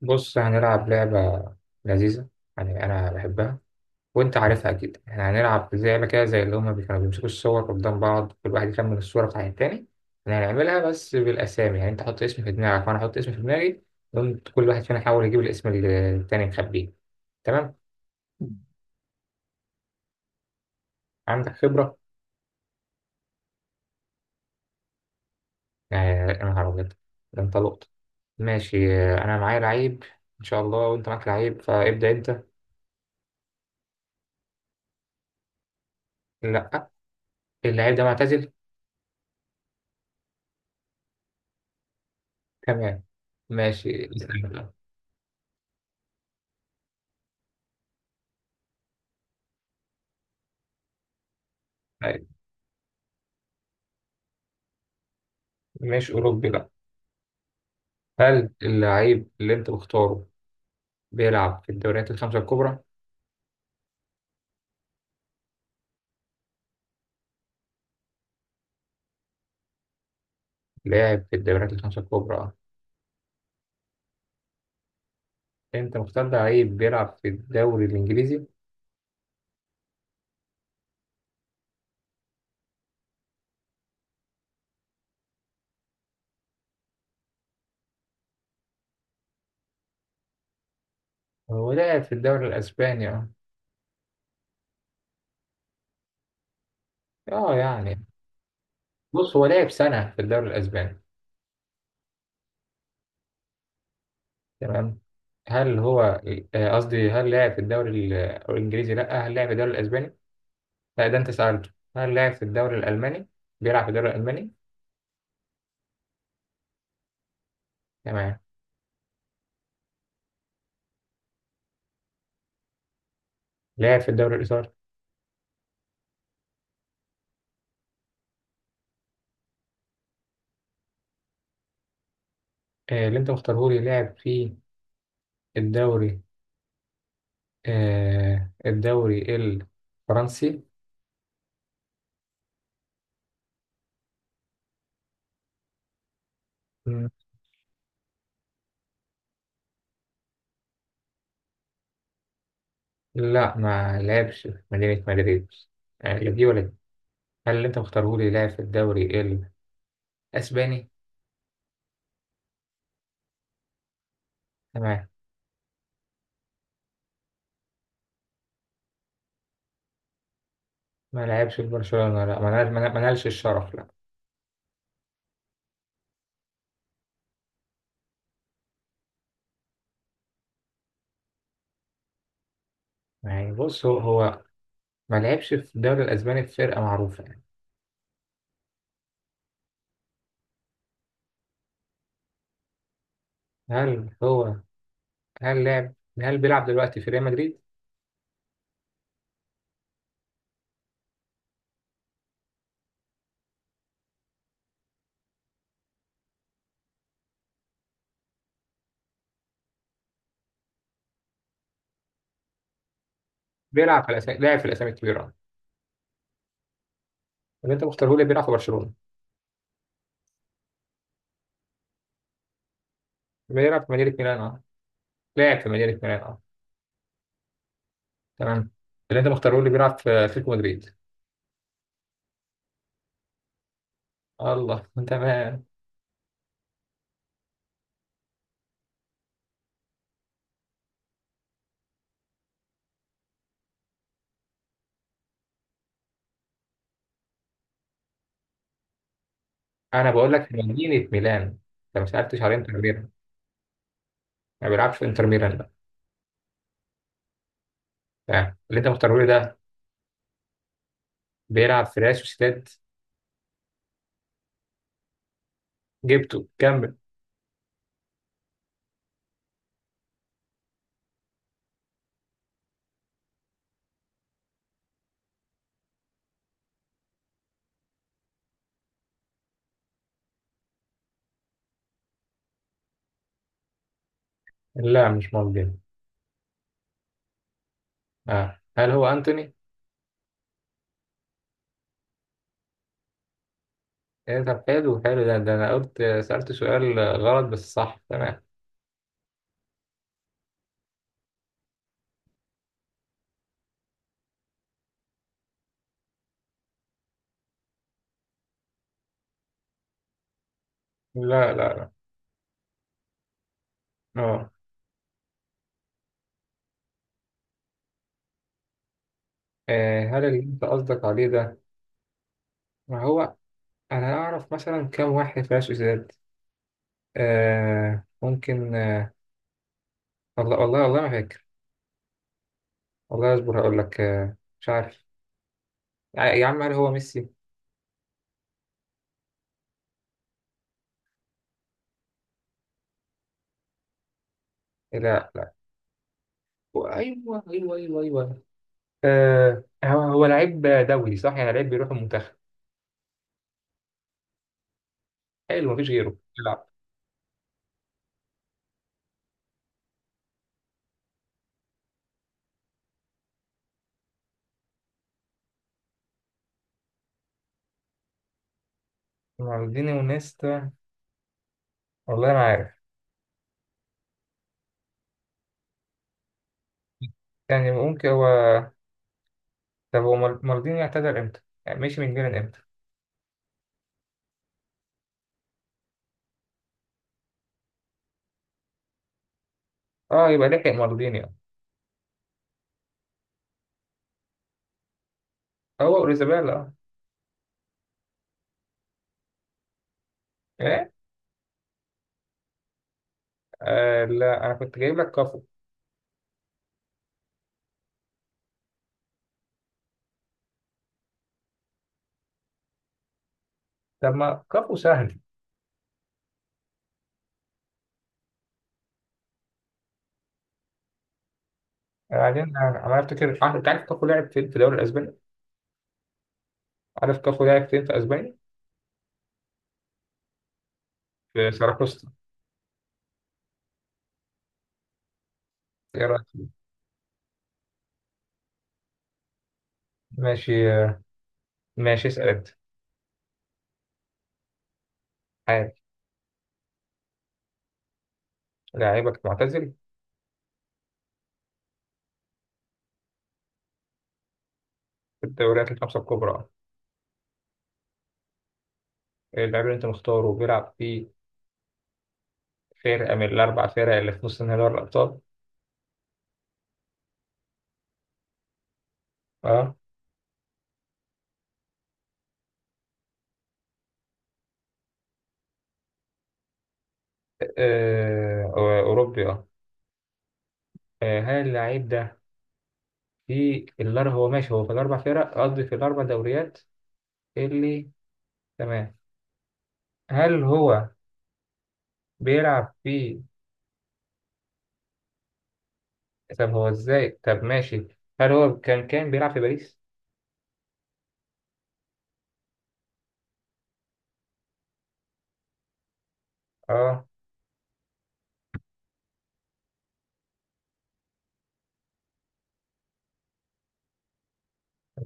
بص، هنلعب لعبة لذيذة. يعني أنا بحبها. وأنت عارفها أكيد. إحنا هنلعب زي لعبة كده، زي اللي هما كانوا بيمسكوا الصور قدام بعض، كل واحد يخمن الصورة بتاعت التاني. إحنا هنعملها بس بالأسامي. يعني أنت حط اسم في دماغك وأنا أحط اسم في دماغي. وأنت كل واحد فينا يحاول يجيب الاسم اللي التاني مخبيه. تمام؟ عندك خبرة. يعني أنا هربت، ده أنت لقطة. ماشي. أنا معايا لعيب إن شاء الله، وأنت معاك لعيب فابدأ أنت. لأ، اللعيب ده معتزل. تمام، ماشي اسأل بقى. مش أوروبي، لأ. هل اللعيب اللي انت مختاره بيلعب في الدوريات الخمسة الكبرى؟ لاعب في الدوريات الخمسة الكبرى، اه. انت مختار لعيب بيلعب في الدوري الانجليزي؟ هو لاعب في الدوري الاسباني، اه. اه يعني. بص، هو لاعب سنة في الدوري الاسباني. تمام. هل هو، قصدي، هل لاعب في الدوري الانجليزي؟ لا، هل لاعب في الدوري الاسباني؟ لا، ده انت سألته. هل لاعب في الدوري الالماني؟ بيلعب في الدوري الالماني؟ تمام. لاعب في الدوري الايطالي؟ اللي انت مختاره لي لاعب في الدوري، الدوري الفرنسي؟ مم. لا، ما لعبش في مدينة مدريد. يعني لا دي ولا دي. هل اللي انت مختاره لي لعب في الدوري الأسباني؟ تمام. ما لعبش في برشلونة، لا، ما نالش الشرف، لا. يعني بص، هو ما لعبش في الدوري الأسباني في فرقة معروفة، يعني. هل هو هل لعب هل بيلعب دلوقتي في ريال مدريد؟ بيلعب في الأسامي لاعب في الأسامي الكبيرة، اه. اللي انت مختاره لي بيلعب في برشلونة؟ بيلعب في مدينة ميلان، اه؟ لاعب في مدينة ميلان، اه. تمام. اللي انت مختاره اللي بيلعب في اتلتيكو مدريد؟ الله، تمام. انا بقول لك في مدينه ميلان، انت ما سالتش على انتر ميلان. ما بيلعبش في انتر ميلان بقى. تمام. اللي انت مختاره لي ده بيلعب في ريال سوسيداد؟ جبته، كمل. لا، مش موجود. اه، هل هو انتوني؟ ايه؟ طب حلو، حلو ده، انا سالت سؤال غلط، بس صح، تمام. لا لا لا. اه. هل اللي انت قصدك عليه ده، ما هو انا اعرف مثلا كام واحد في ريال سوسيداد. ممكن، والله والله والله ما فاكر. والله اصبر هقول لك، مش عارف. يا عم، هل هو ميسي؟ لا لا. ايوه ايوه ايوه ايوه. هو لعيب دولي، صح؟ يعني لعيب بيروح المنتخب. حلو، مفيش غيره يلعب. مالديني ونيستا؟ والله ما عارف. يعني ممكن هو. طب هو مالديني اعتزل امتى؟ يعني مشي من ميلان امتى؟ اه، يبقى لحق مالديني، اه. هو اوريزابيلا، اه؟ ايه؟ لا، انا كنت جايب لك كافو. طب ما كافو سهل. بعدين أنا افتكر، انت عارف كافو لعب في الدوري الاسباني. عارف كافو لعب فين في اسبانيا؟ في ساراكوستا. ايه رايك فيه؟ ماشي. ماشي، اسال انت. عادي. لاعبك معتزل؟ في الدوريات الخمسه الكبرى. اللاعب اللي انت مختاره بيلعب في فرقه من الاربع فرق اللي في نص نهائي دوري الابطال؟ اه. آه، اوروبي، اه. هل اللاعب ده في الاربع، هو ماشي، هو في الاربع فرق، قصدي في الاربع دوريات اللي، تمام. هل هو بيلعب في، طب هو ازاي، طب ماشي، هل هو كان بيلعب في باريس؟ اه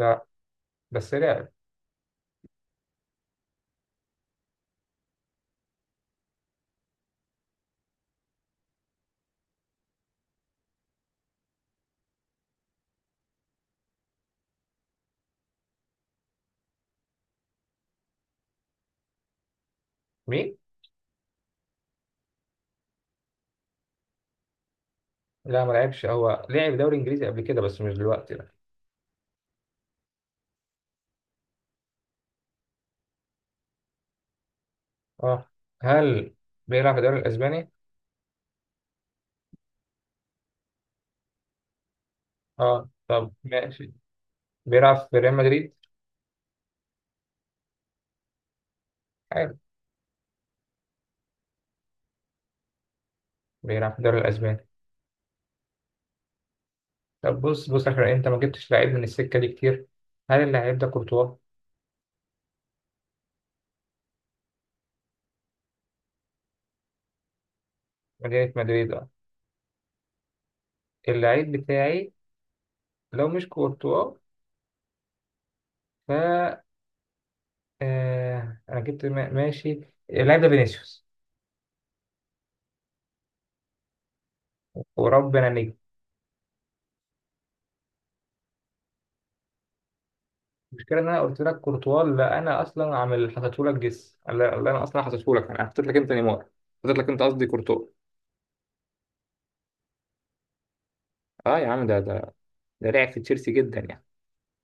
لا. بس لا. مين؟ لا، ما لعبش، هو لعب دوري انجليزي قبل كده بس مش دلوقتي، لا. اه، هل بيلعب في الدوري الاسباني؟ اه، طب ماشي. بيلعب في ريال مدريد؟ حلو. بيلعب في الدوري الاسباني. طب بص، اخر انت ما جبتش لعيب من السكه دي كتير. هل اللاعب ده كورتوا؟ مدينه مدريد، اه. اللعيب بتاعي لو مش كورتوا، ف، انا جبت، ماشي. اللاعب ده فينيسيوس؟ وربنا. المشكله ان انا قلت لك كورتوا لا، انا اصلا عامل حاطته لك جس. لا لا انا اصلا حاطته لك، انا حطيت لك انت نيمار. حطيت لك انت قصدي كورتوا. اه يا عم، ده لعب في تشيلسي جدا يعني.